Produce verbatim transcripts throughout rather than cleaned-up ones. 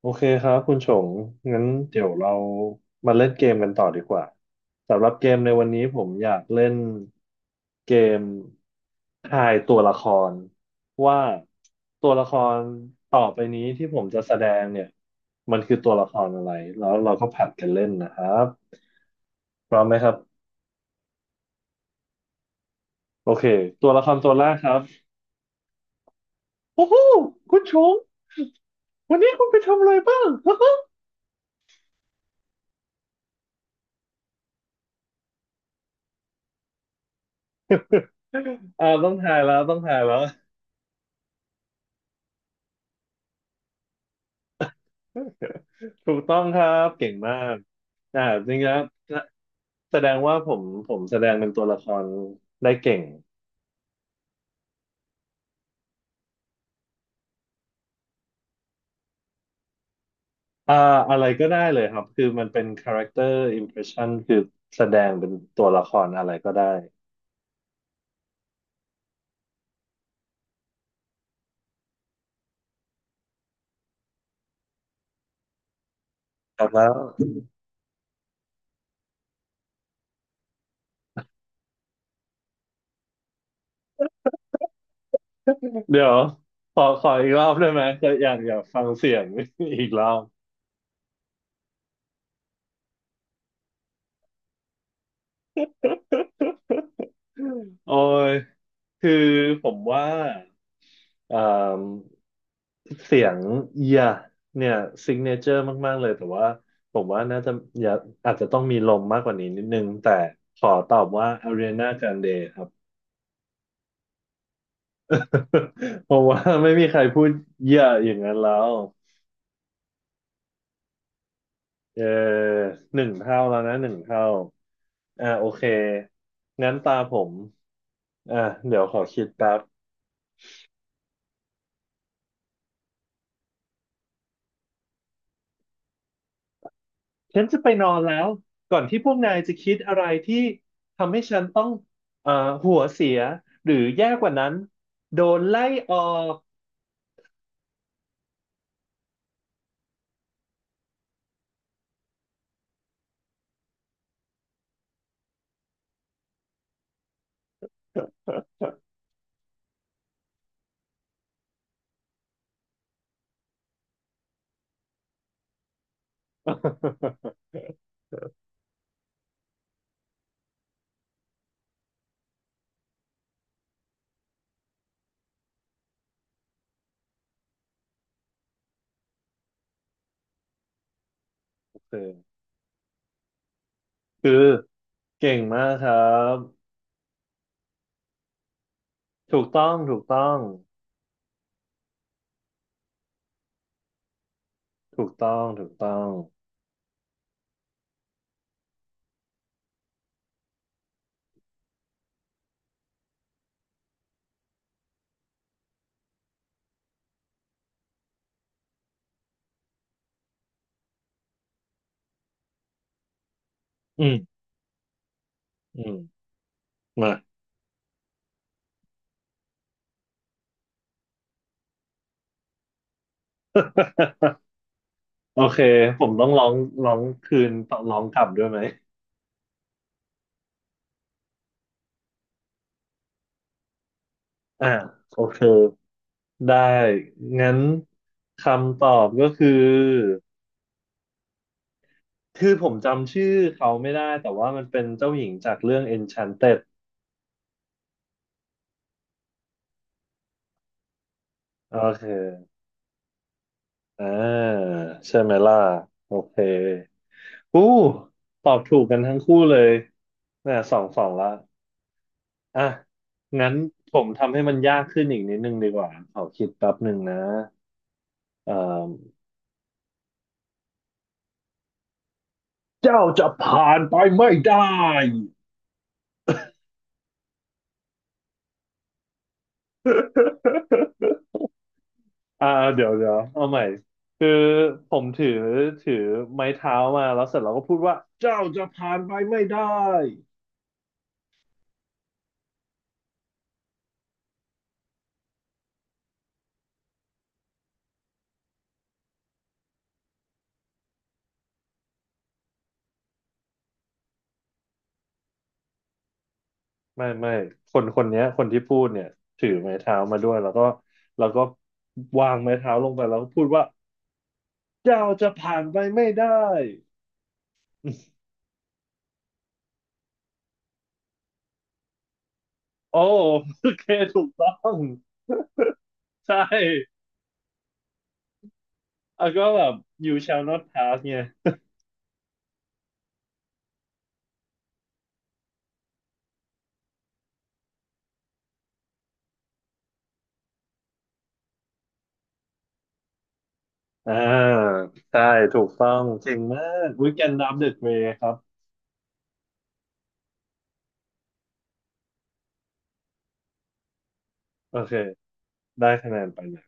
โอเคครับคุณชงงั้นเดี๋ยวเรามาเล่นเกมกันต่อดีกว่าสำหรับเกมในวันนี้ผมอยากเล่นเกมทายตัวละครว่าตัวละครต่อไปนี้ที่ผมจะแสดงเนี่ยมันคือตัวละครอะไรแล้วเราก็ผัดกันเล่นนะครับพร้อมไหมครับโอเคตัวละครตัวแรกครับโอ้โหคุณชงวันนี้คุณไปทำอะไรบ้าง อ่าต้องถ่ายแล้วต้องถ่ายแล้ว ถูกต้องครับเก่งมากอ่าจริงนะแสดงว่าผมผมแสดงเป็นตัวละครได้เก่งอ่าอะไรก็ได้เลยครับคือมันเป็น character impression คือแสดงเป็นตัวละครอะไรก็ได้ครับแล้วเดี๋ยวขอขออีกรอบได้ไหมก็อยากอยากฟังเสียง อีกรอบโอ้ยคือผมว่าเอ่อ เสียงเอียเนี่ยซิกเนเจอร์มากๆเลยแต่ว่าผมว่าน่าจะอย่าอาจจะต้องมีลมมากกว่านี้นิดนึงแต่ขอตอบว่า Ariana Grande ครับเพราะว่าไม่มีใครพูดเยอะอย่างนั้นแล้วเออหนึ่งเท่าแล้วนะหนึ่งเท่าอ่าโอเคงั้นตาผมอ่าเดี๋ยวขอคิดแป๊บฉันจะไปนอนแล้วก่อนที่พวกนายจะคิดอะไรที่ทำให้ฉันต้องเอ่อหัวเสียหรือแย่กว่านั้นโดนไล่ออก เออคือเก่งมากครับถูกต้องถูกต้องถูกต้องถูกต้องอืมอืมมาโอเคผมต้องร้องร้องคืนต้องร้องกลับด้วยไหมอ่าโอเคได้งั้นคำตอบก็คือคือผมจำชื่อเขาไม่ได้แต่ว่ามันเป็นเจ้าหญิงจากเรื่อง Enchanted โอเคอ่าใช่ไหมล่ะโอเค อู้ตอบถูกกันทั้งคู่เลยเนี่ยสองสองละอ่ะงั้นผมทำให้มันยากขึ้นอีกนิดนึงดีกว่าขอคิดแป๊บหนึ่งนะเอ่อเจ้าจะผ่านไปไม่ได้ อ่าเดี๋ยวเดี๋ยวเอาใหม่คือผมถือถือไม้เท้ามาแล้วเสร็จเราก็พูดว่าเจ้าจะผ่านไปไม่ได้ไม่ไม่คนคนเนี้ยคนที่พูดเนี่ยถือไม้เท้ามาด้วยแล้วก็แล้วก็วางไม้เท้าลงไปแล้วก็พูดว่า เจ้าจะผ่านไปไม่ได้โอ้โอเคถูกต้องใช่แล้วก็แบบ you shall not pass เนี่ยอ่าใช่ถูกต้องเก่งมากวิกแอนดัมเดอะเกรย์ครับโอเคได้คะแนนไปนะ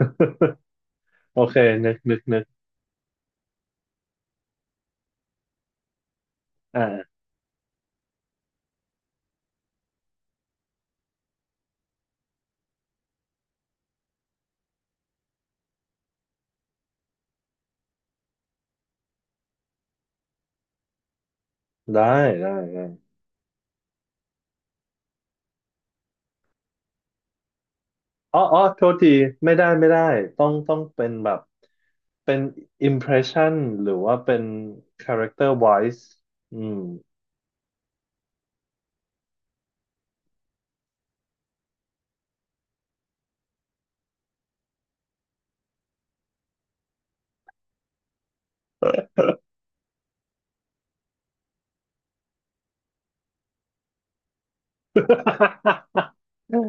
โอเคนึกนึกนึกอ่าได้ได้ได้อ๋ออ๋อโทษทีไม่ได้ไม่ได้ต้องต้องเป็นแบบเป็น impression หรือว่าเป็น character wise อืม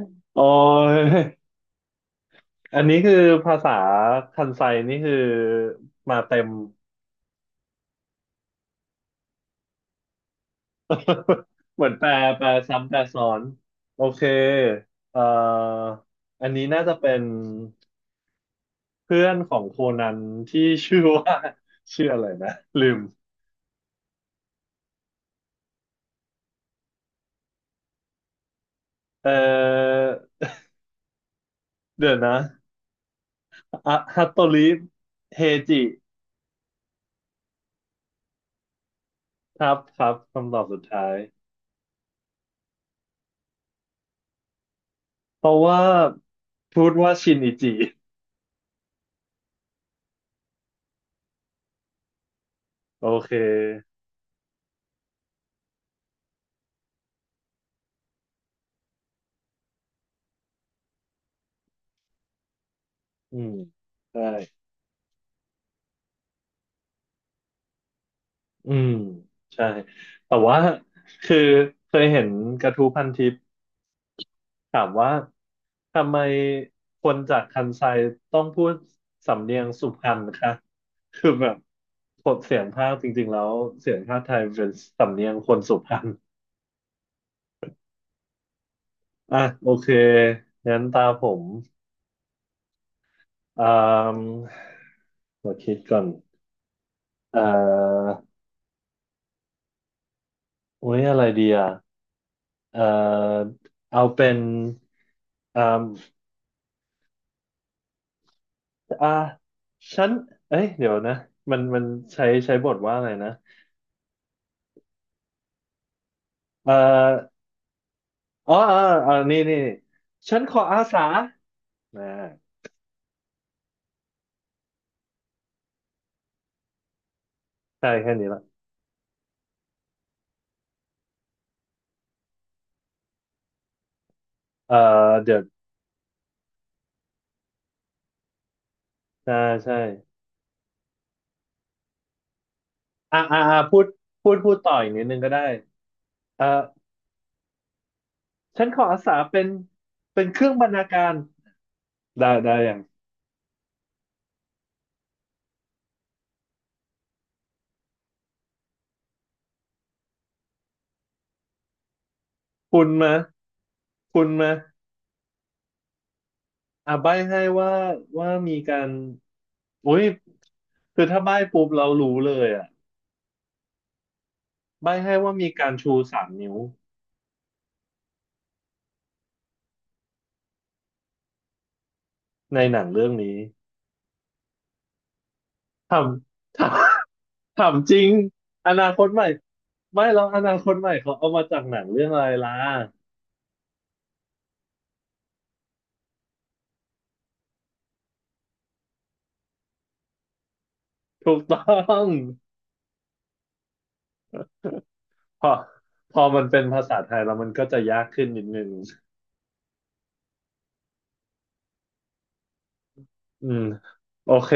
โอ้ย อันนี้คือภาษาคันไซนี่คือมาเต็ม เหมือนแปลแปลซ้ำแปลซ้อนโอเคเอ่ออันนี้น่าจะเป็นเพื่อนของโคนันที่ชื่อว่า ชื่ออะไรนะลืมเอ่อเดี๋ยวนะอะฮัตโตริเฮจิครับครับคำตอบสุดท้ายเพราะว่าพูดว่าชินอิจิโอเคอืมใช่ อืมใช่แต่ว่าคือเคยเห็นกระทู้พันทิปถามว่าทำไมคนจากคันไซต้องพูดสำเนียงสุพรรณคะคือแบบกดเสียงภาคจริงๆแล้วเสียงภาคไทยเป็นสำเนียงคนสุพรรณอ่ะโอเคงั้นตาผมอ่ามาคิดก่อนเอ่อโอ้ยอะไรดีอ่ะเอ่อเอาเป็นอ่า อ่าฉันเอ้ยเดี๋ยวนะมันมันใช้ใช้บทว่าอะไรนะเอ่ออ๋ออ๋ออ๋อนี่นี่ฉันขออาสานะใช่แค่นี้ละเอ่อเดี๋ยวใช่ใช่อ่าอ่าอ่าพูดพูดพูดต่ออีกนิดนึงก็ได้เอ่อฉันขออาสาเป็นเป็นเครื่องบรรณาการได้ได้อย่างคุณมาคุณมาอ่าใบ้ให้ว่าว่ามีการอุ้ยคือถ้าใบ้ปุ๊บเรารู้เลยอ่ะใบ้ให้ว่ามีการชูสามนิ้ว ในหนังเรื่องนี้ทำ ทำทำจริงอนาคตใหม่ไม่หรอกอนาคตใหม่เขาเอามาจากหนังเรื่องอะไรล่ะถูกต้องพอพอมันเป็นภาษาไทยแล้วมันก็จะยากขึ้นนิดนึงอืมโอเค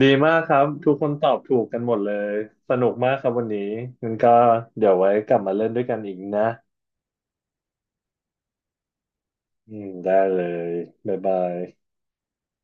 ดีมากครับทุกคนตอบถูกกันหมดเลยสนุกมากครับวันนี้งั้นก็เดี๋ยวไว้กลับมาเล่นด้วยกันอีกนะอืมได้เลยบ๊ายบาย